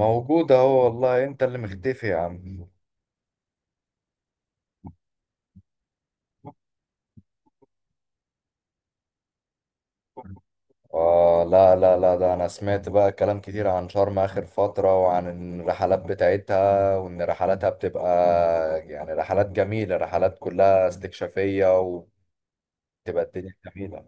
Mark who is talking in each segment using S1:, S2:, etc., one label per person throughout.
S1: موجود اهو، والله انت اللي مختفي يا عم. آه، لا لا لا، ده انا سمعت بقى كلام كتير عن شرم اخر فترة وعن الرحلات بتاعتها وان رحلاتها بتبقى يعني رحلات جميلة، رحلات كلها استكشافية، وبتبقى الدنيا جميلة.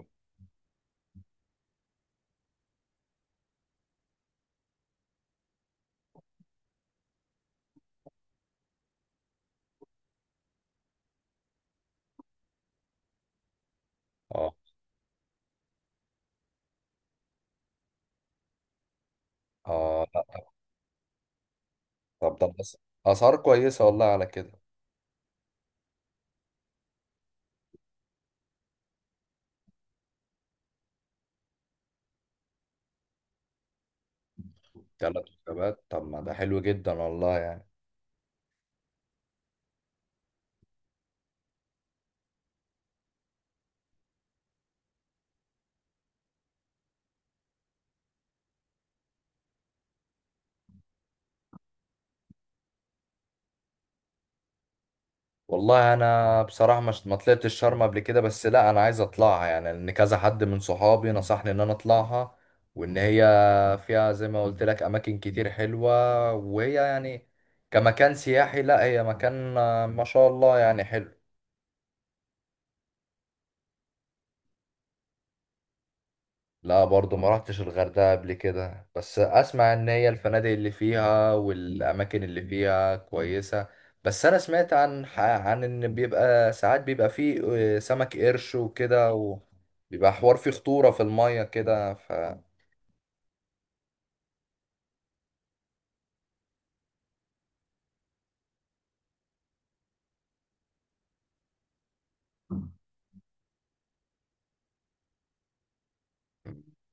S1: اه. اه، لا. طب ده بس. اسعار كويسة والله على كده. تلات وجبات، طب ما ده حلو جدا والله يعني. والله انا بصراحه مش، ما طلعتش شرم قبل كده، بس لا انا عايز اطلعها، يعني ان كذا حد من صحابي نصحني ان انا اطلعها. وان هي فيها زي ما قلت لك اماكن كتير حلوه، وهي يعني كمكان سياحي، لا هي مكان ما شاء الله يعني حلو. لا برضو ما رحتش الغردقة قبل كده، بس اسمع ان هي الفنادق اللي فيها والاماكن اللي فيها كويسة. بس انا سمعت عن عن ان بيبقى ساعات بيبقى فيه سمك قرش وكده، وبيبقى حوار فيه خطورة في المية كده،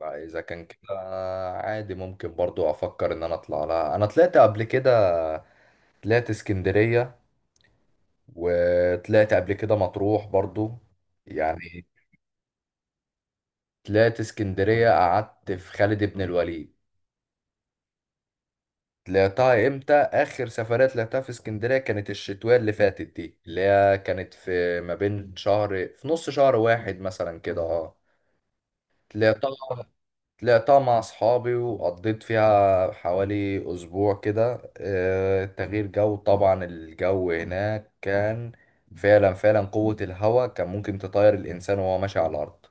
S1: اذا كان كده، عادي ممكن برضو افكر ان انا اطلع لها. انا طلعت قبل كده، طلعت اسكندرية، وطلعت قبل كده مطروح برضو يعني. طلعت اسكندرية، قعدت في خالد بن الوليد. طلعتها امتى آخر سفرية طلعتها في اسكندرية كانت الشتوية اللي فاتت دي، اللي هي كانت في ما بين شهر، في نص شهر واحد مثلا كده. اه، طلعتها. طلعتها مع أصحابي وقضيت فيها حوالي أسبوع كده. تغيير جو طبعا، الجو هناك كان فعلا فعلا، قوة الهواء كان ممكن تطير الإنسان وهو ماشي على الأرض.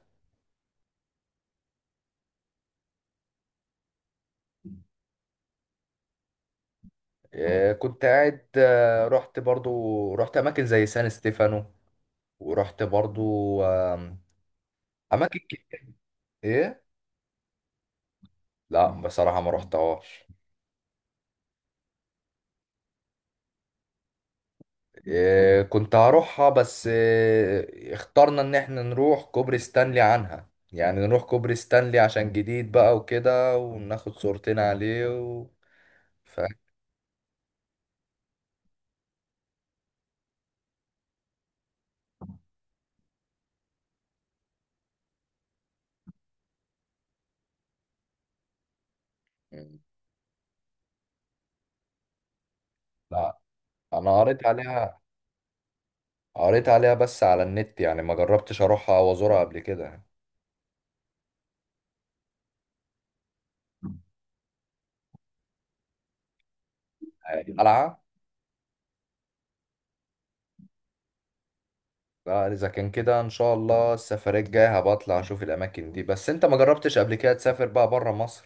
S1: كنت قاعد، رحت برضو، رحت اماكن زي سان ستيفانو، ورحت برضو آم، اماكن ايه. لا بصراحة ما رحتهاش. كنت هروحها، بس اخترنا ان احنا نروح كوبري ستانلي عنها، يعني نروح كوبري ستانلي عشان جديد بقى وكده، وناخد صورتين عليه ف... مم. لا، انا قريت عليها. قريت عليها بس على النت يعني، ما جربتش اروحها او ازورها قبل كده. قلعة. لا، اذا كان كده ان شاء الله السفرية الجاية هبقى اطلع اشوف الاماكن دي. بس انت ما جربتش قبل كده تسافر بقى بره مصر؟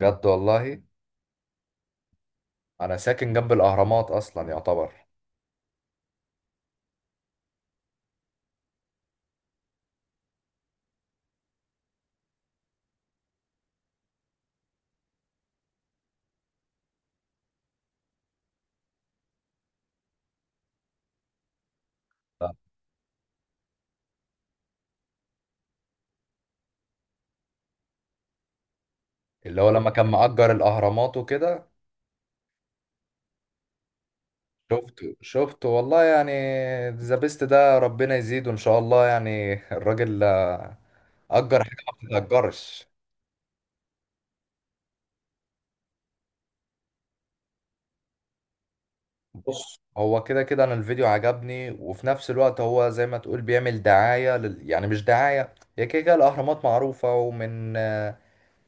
S1: بجد والله؟ انا ساكن جنب الاهرامات اصلا يعتبر. اللي هو لما كان مأجر الاهرامات وكده. شفته شفته والله يعني. ذا بيست ده ربنا يزيده ان شاء الله يعني. الراجل اجر حاجة ما بتتأجرش. بص، هو كده كده انا الفيديو عجبني، وفي نفس الوقت هو زي ما تقول بيعمل دعاية يعني مش دعاية، هي كده كده الاهرامات معروفة ومن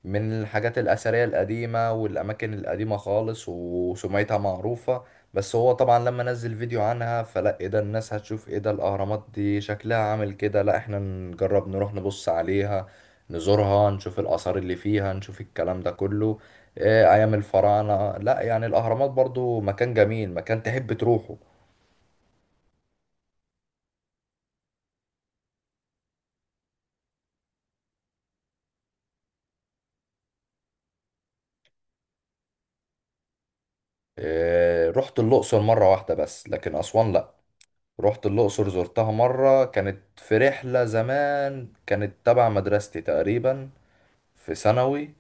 S1: الحاجات الأثرية القديمة والأماكن القديمة خالص وسمعتها معروفة. بس هو طبعا لما نزل فيديو عنها، فلا ايه ده، الناس هتشوف ايه ده، الأهرامات دي شكلها عامل كده. لا، احنا نجرب نروح نبص عليها، نزورها، نشوف الآثار اللي فيها، نشوف الكلام ده كله. إيه أيام الفراعنة. لا يعني الأهرامات برضو مكان جميل، مكان تحب تروحه. إيه، رحت الأقصر مرة واحدة بس، لكن أسوان لا. رحت الأقصر، زرتها مرة، كانت في رحلة زمان كانت تبع مدرستي تقريبا، في ثانوي.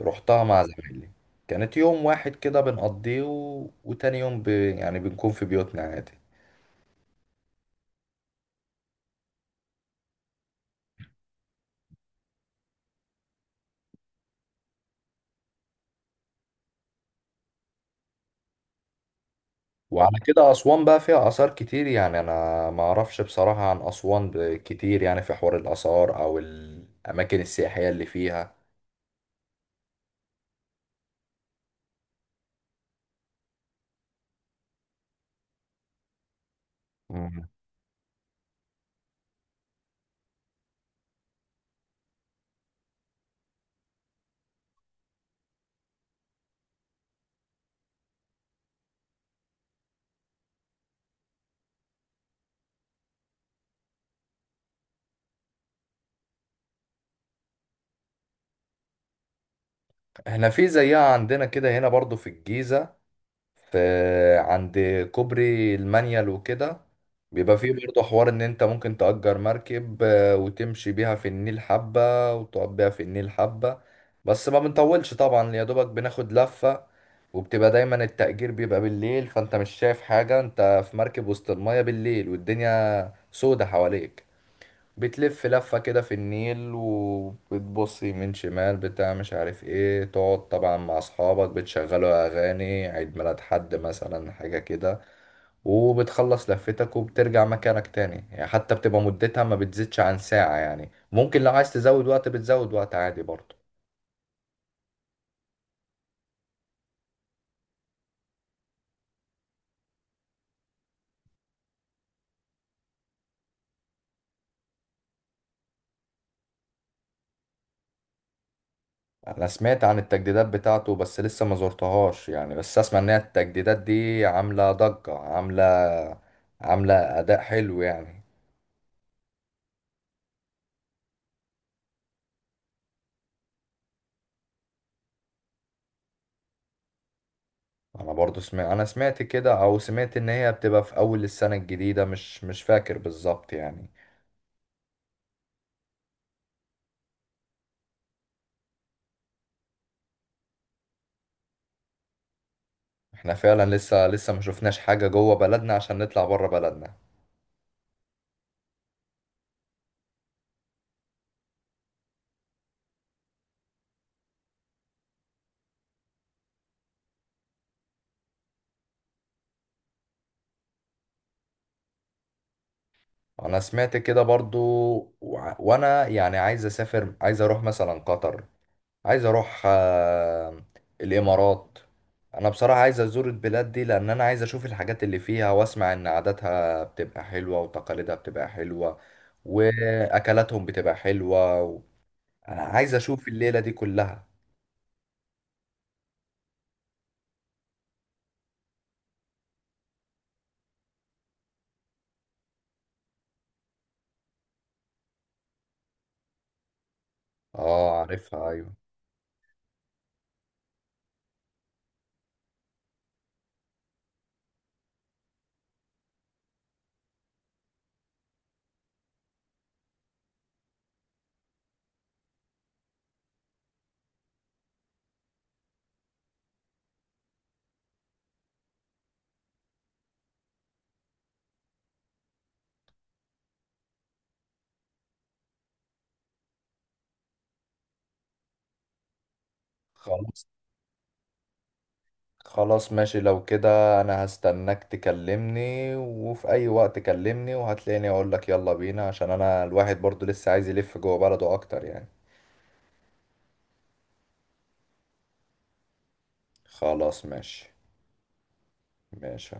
S1: رحتها مع زمايلي. كانت يوم واحد كده بنقضيه، وتاني يوم يعني بنكون في بيوتنا عادي. وعلى كده أسوان بقى فيها آثار كتير يعني، أنا ما أعرفش بصراحة عن أسوان كتير، يعني في حوار الآثار أو الأماكن السياحية اللي فيها. مم. احنا في زيها عندنا كده هنا برضو في الجيزة، في عند كوبري المانيال وكده، بيبقى فيه برضه حوار ان انت ممكن تأجر مركب، وتمشي بيها في النيل حبة، وتقعد بيها في النيل حبة. بس ما بنطولش طبعا، يا دوبك بناخد لفة. وبتبقى دايما التأجير بيبقى بالليل، فانت مش شايف حاجة، انت في مركب وسط المية بالليل والدنيا سودة حواليك. بتلف لفة كده في النيل، وبتبص يمين شمال بتاع مش عارف ايه، تقعد طبعا مع اصحابك بتشغلوا اغاني عيد ميلاد حد مثلا، حاجة كده. وبتخلص لفتك وبترجع مكانك تاني، يعني حتى بتبقى مدتها ما بتزيدش عن ساعة يعني، ممكن لو عايز تزود وقت بتزود وقت عادي برضه. انا سمعت عن التجديدات بتاعته، بس لسه ما زرتهاش يعني، بس اسمع ان هي التجديدات دي عاملة ضجة، عاملة عاملة اداء حلو يعني. انا برضو سمعت، انا سمعت كده، او سمعت ان هي بتبقى في اول السنة الجديدة، مش فاكر بالظبط يعني. احنا فعلا لسه ما شفناش حاجة جوه بلدنا عشان نطلع بره بلدنا. انا سمعت كده برضو. وانا يعني عايز اسافر، عايز اروح مثلا قطر، عايز اروح الامارات. انا بصراحة عايز ازور البلاد دي، لان انا عايز اشوف الحاجات اللي فيها واسمع ان عاداتها بتبقى حلوة وتقاليدها بتبقى حلوة واكلاتهم بتبقى حلوة. انا عايز اشوف الليلة دي كلها. اه، عارفها، ايوه. خلاص. خلاص ماشي لو كده، انا هستناك تكلمني، وفي اي وقت كلمني وهتلاقيني اقول لك يلا بينا، عشان انا الواحد برضو لسه عايز يلف جوه بلده اكتر يعني. خلاص ماشي. ماشي.